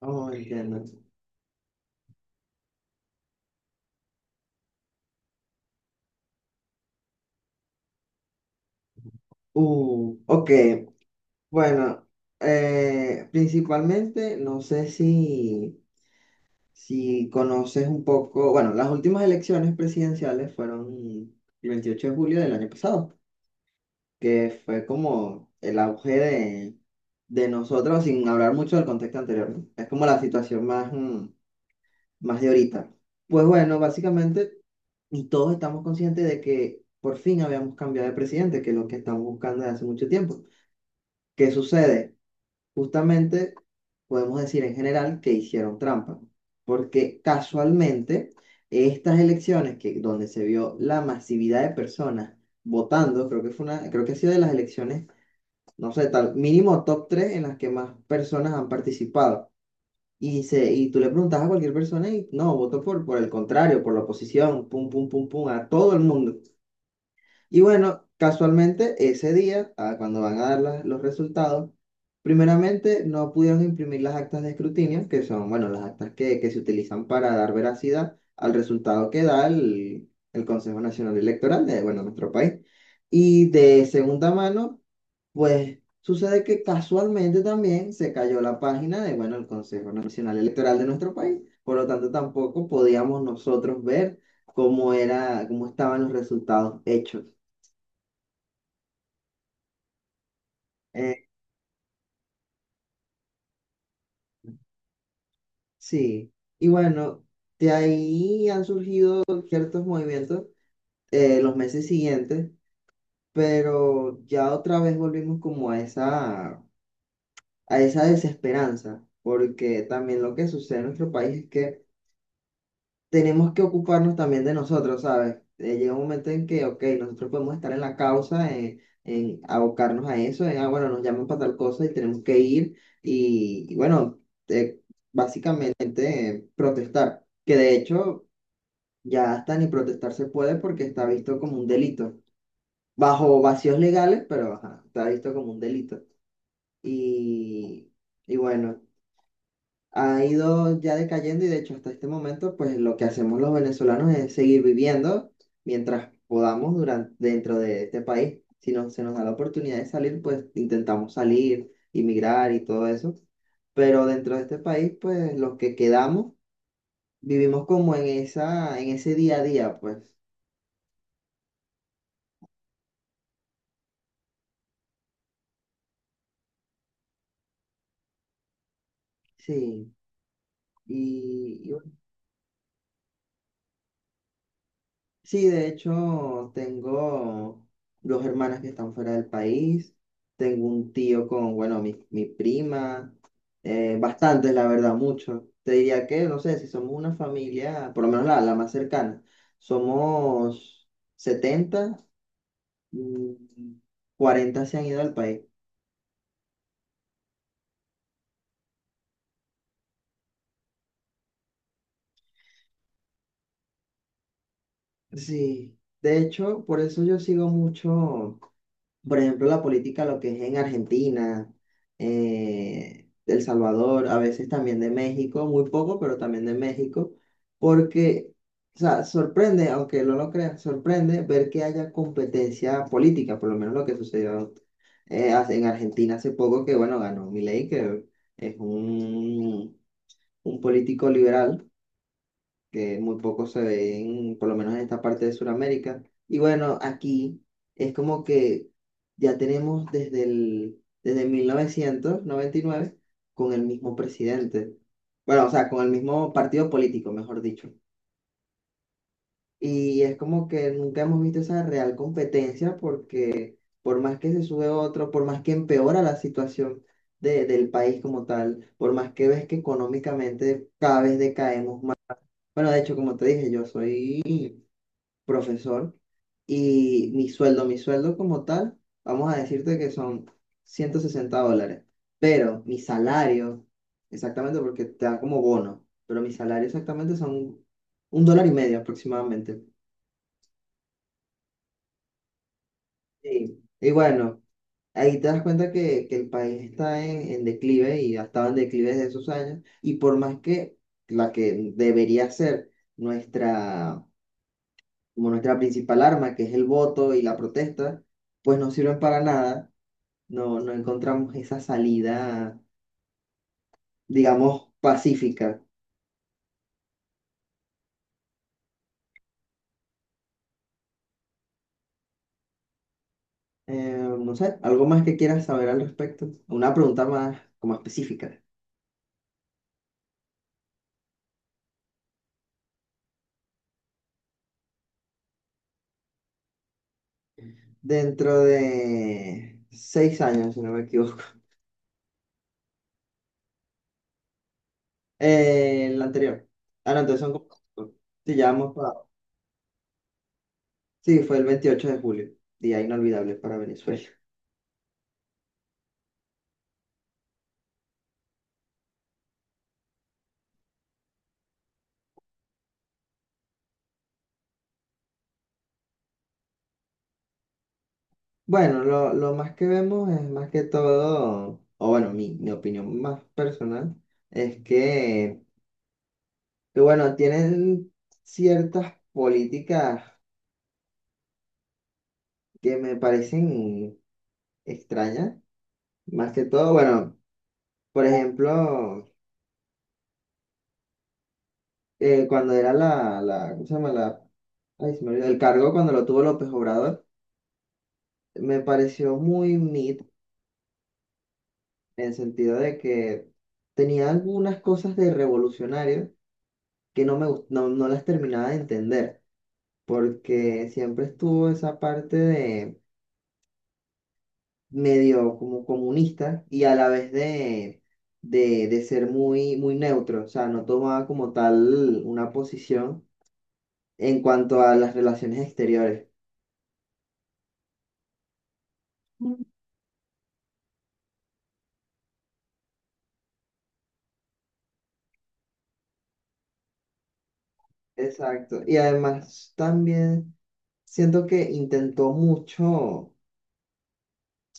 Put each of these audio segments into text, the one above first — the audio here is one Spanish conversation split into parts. Oh, entiendo. Ok. Bueno, principalmente, no sé si conoces un poco, bueno, las últimas elecciones presidenciales fueron el 28 de julio del año pasado, que fue como el auge de nosotros, sin hablar mucho del contexto anterior, ¿no? Es como la situación más, más de ahorita. Pues bueno, básicamente. Y todos estamos conscientes de que por fin habíamos cambiado de presidente, que es lo que estamos buscando desde hace mucho tiempo. ¿Qué sucede? Justamente podemos decir en general que hicieron trampa, porque casualmente estas elecciones, que, donde se vio la masividad de personas votando, creo que fue una, creo que ha sido de las elecciones, no sé, tal, mínimo top 3 en las que más personas han participado. Y tú le preguntas a cualquier persona y no, votó por el contrario, por la oposición, pum, pum, pum, pum, a todo el mundo. Y bueno, casualmente ese día, cuando van a dar los resultados, primeramente no pudieron imprimir las actas de escrutinio, que son, bueno, las actas que se utilizan para dar veracidad al resultado que da el Consejo Nacional Electoral de, bueno, nuestro país. Y de segunda mano, pues sucede que casualmente también se cayó la página de, bueno, el Consejo Nacional Electoral de nuestro país. Por lo tanto, tampoco podíamos nosotros ver cómo era, cómo estaban los resultados hechos. Eh, sí, y bueno, de ahí han surgido ciertos movimientos los meses siguientes, pero ya otra vez volvimos como a esa desesperanza, porque también lo que sucede en nuestro país es que tenemos que ocuparnos también de nosotros, ¿sabes? Llega un momento en que, ok, nosotros podemos estar en la causa, en abocarnos a eso, bueno, nos llaman para tal cosa y tenemos que ir y bueno, eh, básicamente protestar, que de hecho ya hasta ni protestar se puede porque está visto como un delito, bajo vacíos legales, pero ajá, está visto como un delito. Y, y bueno ha ido ya decayendo y de hecho hasta este momento pues lo que hacemos los venezolanos es seguir viviendo mientras podamos durante, dentro de este país. Si no, se nos da la oportunidad de salir, pues intentamos salir, emigrar y todo eso. Pero dentro de este país pues los que quedamos vivimos como en esa, en ese día a día pues. Sí. Y, y Sí, de hecho, tengo dos hermanas que están fuera del país, tengo un tío con, bueno, mi prima, bastantes, la verdad, muchos. Te diría que, no sé, si somos una familia, por lo menos la más cercana, somos setenta, mm, 40 se han ido al país. Sí, de hecho, por eso yo sigo mucho. Por ejemplo, la política, lo que es en Argentina, El Salvador, a veces también de México, muy poco, pero también de México, porque, o sea, sorprende, aunque no lo creas, sorprende ver que haya competencia política, por lo menos lo que sucedió en Argentina hace poco, que bueno, ganó Milei, que es un político liberal que muy poco se ven, por lo menos en esta parte de Sudamérica. Y bueno, aquí es como que ya tenemos desde 1999 con el mismo presidente. Bueno, o sea, con el mismo partido político, mejor dicho. Y es como que nunca hemos visto esa real competencia porque por más que se sube otro, por más que empeora la situación del país como tal, por más que ves que económicamente cada vez decaemos más. Bueno, de hecho, como te dije, yo soy profesor y mi sueldo como tal, vamos a decirte que son 160 dólares, pero mi salario, exactamente porque te da como bono, pero mi salario exactamente son un dólar y medio aproximadamente. Sí. Y bueno, ahí te das cuenta que el país está en declive y ha estado en declive desde esos años, y por más que la que debería ser nuestra, como nuestra principal arma, que es el voto y la protesta, pues no sirven para nada. No encontramos esa salida, digamos, pacífica. No sé, algo más que quieras saber al respecto. Una pregunta más como específica. Dentro de seis años, si no me equivoco. El anterior. Ah, no, entonces son como cinco. Sí, ya vamos para- Sí, fue el 28 de julio, día inolvidable para Venezuela. Bueno, lo más que vemos es más que todo, o bueno, mi opinión más personal es que bueno, tienen ciertas políticas que me parecen extrañas, más que todo, bueno, por ejemplo, cuando era ¿cómo se llama? La, ay, se me olvidó, el cargo cuando lo tuvo López Obrador, me pareció muy mid, en el sentido de que tenía algunas cosas de revolucionario que no las terminaba de entender, porque siempre estuvo esa parte de medio como comunista y a la vez de, de ser muy, muy neutro, o sea, no tomaba como tal una posición en cuanto a las relaciones exteriores. Mm. Exacto. Y además también siento que intentó mucho,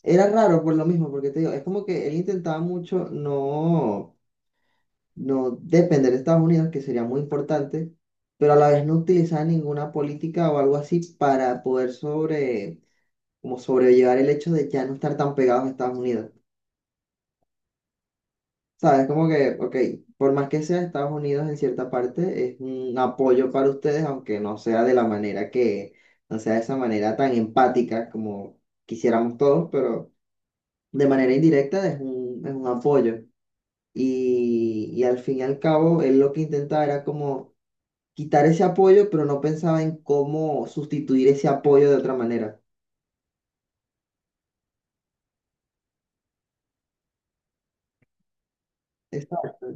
era raro por lo mismo, porque te digo, es como que él intentaba mucho no depender de Estados Unidos, que sería muy importante, pero a la vez no utilizaba ninguna política o algo así para poder sobre como sobrellevar el hecho de ya no estar tan pegados a Estados Unidos. ¿Sabes? Como que, ok, por más que sea Estados Unidos en cierta parte, es un apoyo para ustedes, aunque no sea de la manera que, no sea de esa manera tan empática como quisiéramos todos, pero de manera indirecta es un apoyo. Y al fin y al cabo, él lo que intentaba era como quitar ese apoyo, pero no pensaba en cómo sustituir ese apoyo de otra manera. Exacto,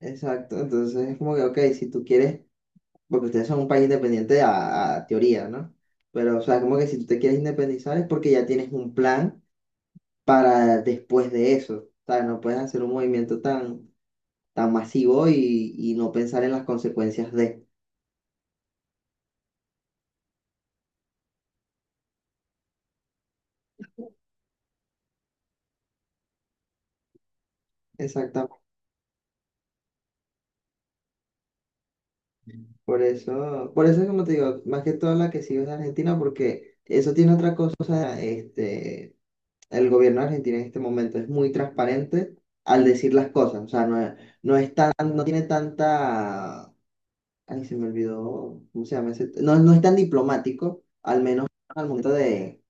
exacto. Entonces es como que, ok, si tú quieres porque ustedes son un país independiente a teoría, ¿no? Pero, o sea, como que si tú te quieres independizar es porque ya tienes un plan para después de eso. O sea, no puedes hacer un movimiento tan, tan masivo y no pensar en las consecuencias de. Exactamente. Por eso es como te digo, más que todo la que sigo es de Argentina, porque eso tiene otra cosa, este, el gobierno argentino en este momento es muy transparente al decir las cosas, o sea, no es tan, no tiene tanta. Ay, se me olvidó, ¿cómo se llama ese? No, no es tan diplomático, al menos al momento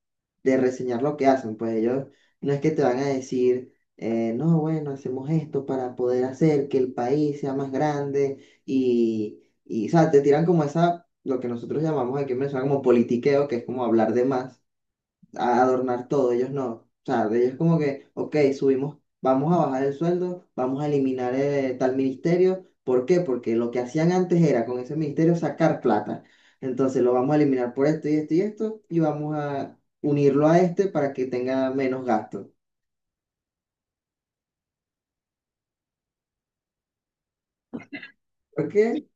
de reseñar lo que hacen, pues ellos no es que te van a decir, no, bueno, hacemos esto para poder hacer que el país sea más grande y, o sea, te tiran como esa, lo que nosotros llamamos aquí en Venezuela como politiqueo, que es como hablar de más a adornar todo, ellos no. O sea, de ellos como que, ok, subimos, vamos a bajar el sueldo, vamos a eliminar tal ministerio. ¿Por qué? Porque lo que hacían antes era con ese ministerio sacar plata. Entonces lo vamos a eliminar por esto y esto y esto y vamos a unirlo a este para que tenga menos gasto. ¿Por qué?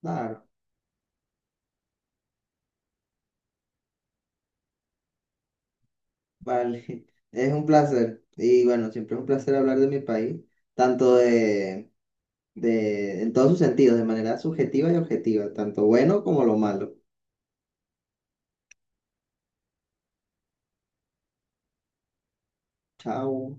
Claro, vale. Es un placer. Y bueno, siempre es un placer hablar de mi país, tanto de, en todos sus sentidos, de manera subjetiva y objetiva, tanto bueno como lo malo. Chao.